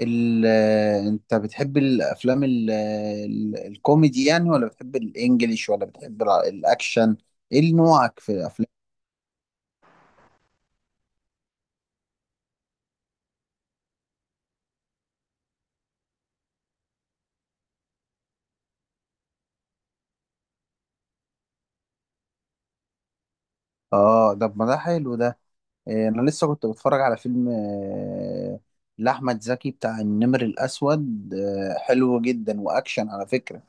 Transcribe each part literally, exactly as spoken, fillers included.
ال انت بتحب الافلام ال ال الكوميدي يعني، ولا بتحب الانجليش، ولا بتحب الع- الاكشن؟ ايه نوعك في الافلام؟ اه، ده ما ده حلو ده. إيه، انا لسه كنت بتفرج على فيلم آه، لاحمد زكي، بتاع النمر الاسود، آه، حلو جدا واكشن على فكره.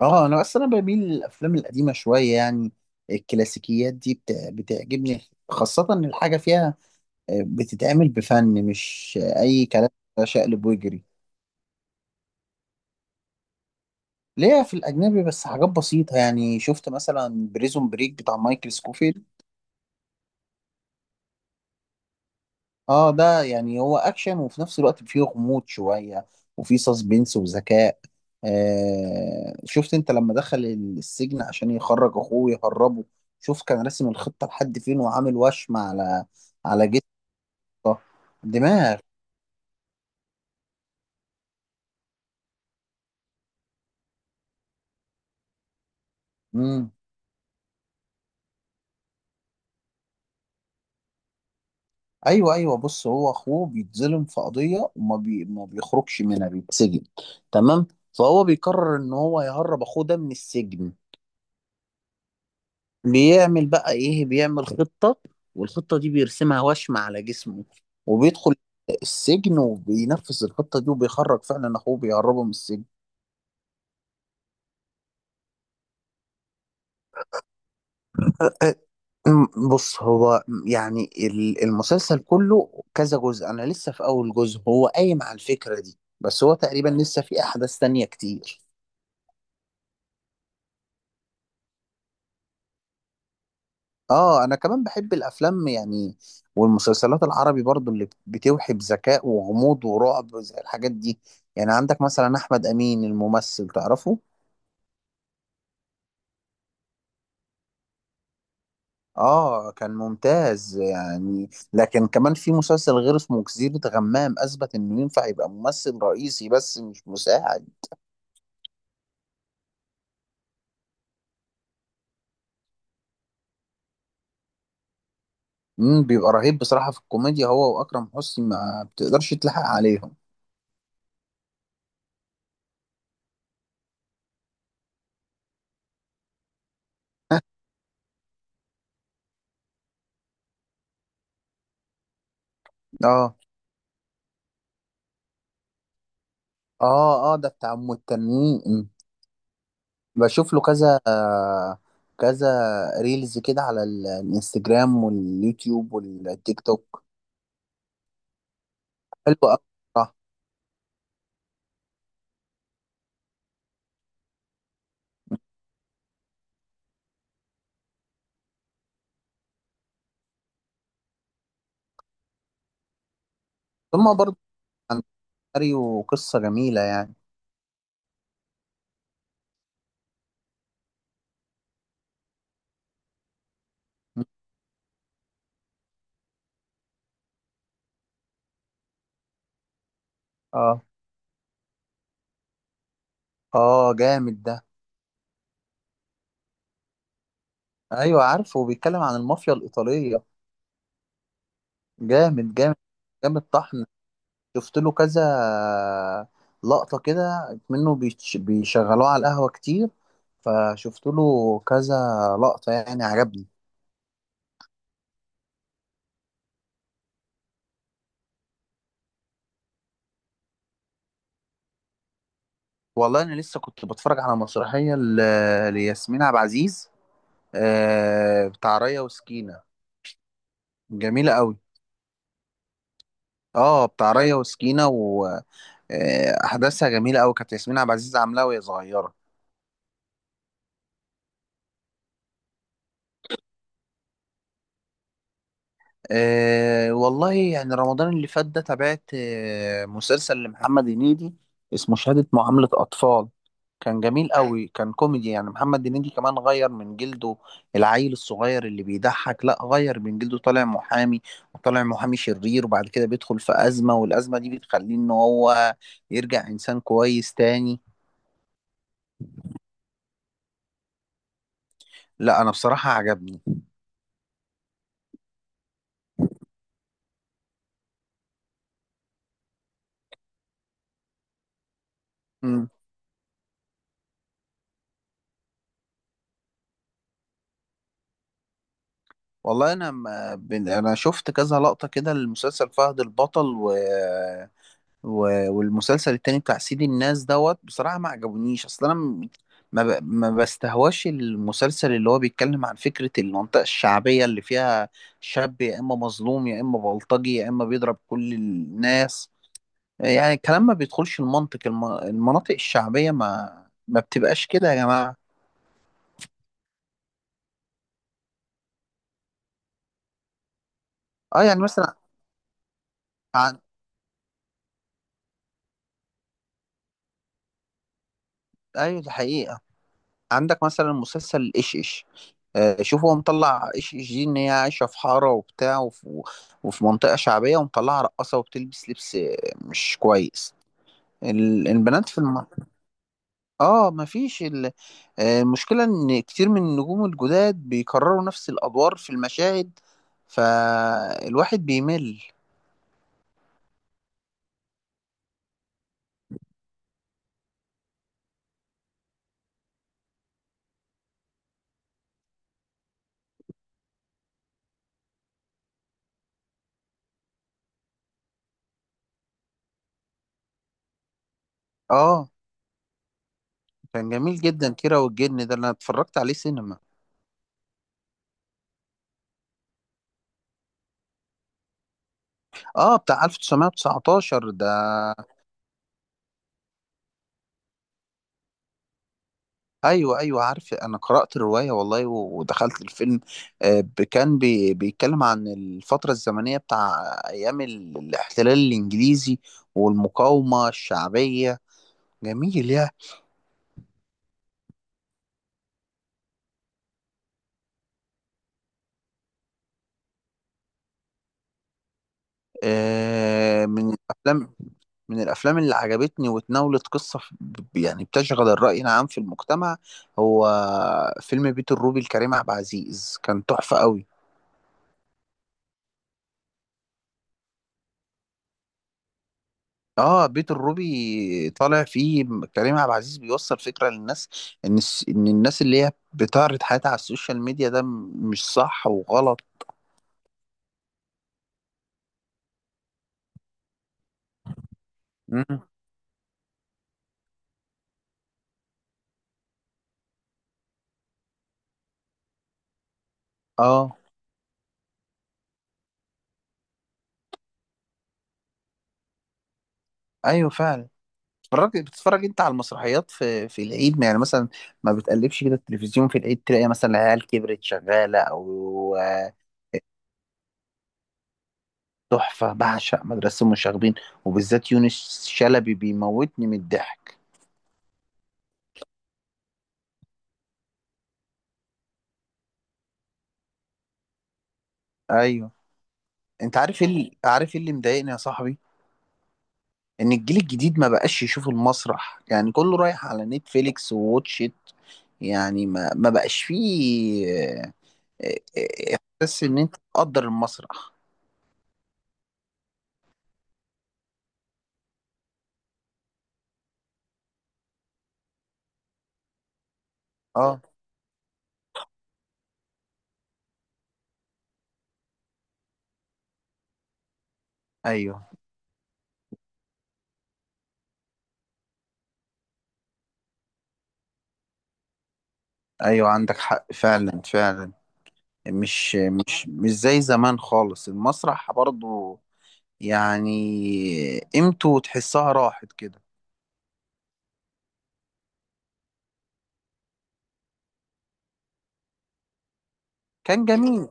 اه، انا بس انا بميل للافلام القديمه شويه يعني. الكلاسيكيات دي بتع- بتعجبني، خاصه ان الحاجه فيها آه، بتتعمل بفن، مش آه، اي كلام شقلب ويجري. ليا في الأجنبي بس حاجات بسيطة، يعني شفت مثلا بريزون بريك بتاع مايكل سكوفيلد. اه، ده يعني هو أكشن، وفي نفس الوقت فيه غموض شوية، وفيه سسبنس وذكاء. آه شفت انت لما دخل السجن عشان يخرج أخوه يهربه؟ شوف كان راسم الخطة لحد فين، وعامل وشم على على جثة دماغ. مم. ايوه، ايوه، بص، هو اخوه بيتظلم في قضيه، وما بي... ما بيخرجش منها، بيتسجن. تمام. فهو بيقرر ان هو يهرب اخوه ده من السجن. بيعمل بقى ايه؟ بيعمل خطه، والخطه دي بيرسمها وشم على جسمه، وبيدخل السجن، وبينفذ الخطه دي، وبيخرج فعلا اخوه، بيهربه من السجن. أم، بص، هو يعني ال- المسلسل كله كذا جزء، انا لسه في اول جزء، هو قايم على الفكره دي، بس هو تقريبا لسه في احداث تانية كتير. اه، انا كمان بحب الافلام يعني، والمسلسلات العربي برضو اللي بتوحي بذكاء وغموض ورعب زي الحاجات دي. يعني عندك مثلا احمد امين الممثل، تعرفه؟ اه، كان ممتاز يعني، لكن كمان في مسلسل غير اسمه جزيرة غمام، اثبت انه ينفع يبقى ممثل رئيسي بس مش مساعد. امم، بيبقى رهيب بصراحة في الكوميديا هو واكرم حسني، ما بتقدرش تلحق عليهم. اه، اه، اه، ده بتاع ام التنين. بشوف له كذا كذا ريلز كده على ال- الانستجرام واليوتيوب والتيك توك. حلو قوي بصراحة. ثم برضه عن ماريو، قصة جميلة يعني. اه، اه، جامد ده. ايوه، عارفه، بيتكلم عن المافيا الإيطالية. جامد، جامد، جامد طحن. شفت له كذا لقطة كده منه، بيش- بيشغلوه على القهوة كتير، فشفت له كذا لقطة، يعني عجبني. والله انا لسه كنت بتفرج على مسرحيه ل- لياسمين عبد العزيز، آه، بتاع ريا وسكينه، جميله قوي. اه، بتاع ريا وسكينه، واحداثها جميله قوي، كانت ياسمين عبد العزيز عاملاها وهي صغيره. أه، والله يعني رمضان اللي فات ده تابعت آه، مسلسل لمحمد هنيدي، اسمه شهادة معاملة أطفال. كان جميل قوي، كان كوميدي، يعني محمد هنيدي كمان غير من جلده. العيل الصغير اللي بيضحك، لا، غير من جلده، طالع محامي، وطالع محامي شرير، وبعد كده بيدخل في أزمة، والأزمة دي بتخليه إن هو يرجع إنسان كويس تاني. لا، أنا بصراحة عجبني. مم. والله أنا ما- بن- أنا شفت كذا لقطة كده للمسلسل فهد البطل، و و- والمسلسل التاني بتاع سيد الناس دوت، بصراحة ما عجبونيش، اصل انا م- ما ب... ما بستهواش المسلسل اللي هو بيتكلم عن فكرة المنطقة الشعبية، اللي فيها شاب يا اما مظلوم، يا اما بلطجي، يا اما بيضرب كل الناس. يعني الكلام ما بيدخلش المنطق، الم... المناطق الشعبية ما ما بتبقاش كده يا جماعة. اه، يعني مثلا عن... ايوه ده حقيقة. عندك مثلا مسلسل ايش ايش، آه، شوف، هو مطلع ايش ايش دي ان هي عايشه في حاره وبتاع، وفي, وفي منطقه شعبيه، ومطلعها رقاصه، وبتلبس لبس آه، مش كويس. ال- البنات في الم... اه، مفيش ال... آه، المشكله ان كتير من النجوم الجداد بيكرروا نفس الادوار في المشاهد، فالواحد بيمل. اه، كان جميل جدا كيرة والجن ده، انا اتفرجت عليه سينما. اه، بتاع ألف وتسعمية وتسعتاشر ده. ايوه، ايوه، عارف، انا قرأت الرواية والله، و- ودخلت الفيلم. آه، ب- كان بي- بيتكلم عن الفترة الزمنية بتاع ايام ال- الاحتلال الانجليزي والمقاومة الشعبية. جميل. يا آه، من الافلام من الافلام اللي عجبتني وتناولت قصة ف- ب- يعني بتشغل الرأي العام في المجتمع، هو فيلم بيت الروبي لكريم عبد العزيز، كان تحفة قوي. اه، بيت الروبي طالع فيه كريم عبد العزيز بيوصل فكرة للناس، ان الس- ان الناس اللي هي بتعرض حياتها على السوشيال ميديا ده م- مش صح وغلط. مم. اه، ايوه فعلا. بتتفرج بتتفرج انت على المسرحيات في في العيد يعني، مثلا ما بتقلبش كده التلفزيون في العيد، تلاقي مثلا العيال كبرت شغالة، او آه، تحفة، بعشق مدرسة المشاغبين، وبالذات يونس شلبي بيموتني من الضحك. ايوه. انت عارف ايه اللي- عارف ايه اللي مضايقني يا صاحبي؟ ان الجيل الجديد ما بقاش يشوف المسرح، يعني كله رايح على نتفليكس وواتشيت، يعني ما ما بقاش فيه آه، آه، آه، احساس ان انت تقدر المسرح. اه، ايوه، ايوه، عندك حق فعلا، فعلا. مش مش مش زي زمان خالص المسرح برضو، يعني قيمته تحسها راحت كده. كان جميل.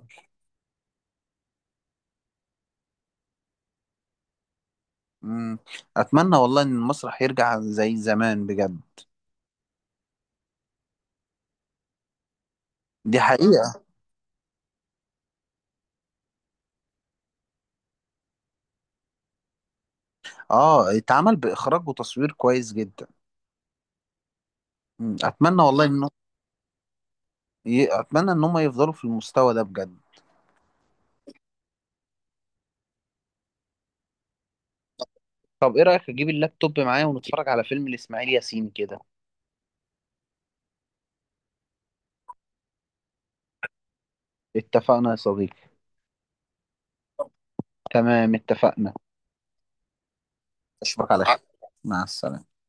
مم. اتمنى والله ان المسرح يرجع زي زمان بجد. دي حقيقة. اه، اتعمل باخراج وتصوير كويس جدا. مم. اتمنى والله ان ي- اتمنى ان هم يفضلوا في المستوى ده بجد. طب ايه رايك اجيب اللابتوب معايا ونتفرج على فيلم لاسماعيل ياسين كده؟ اتفقنا يا صديقي. تمام، اتفقنا. اشوفك على خير. مع السلامه.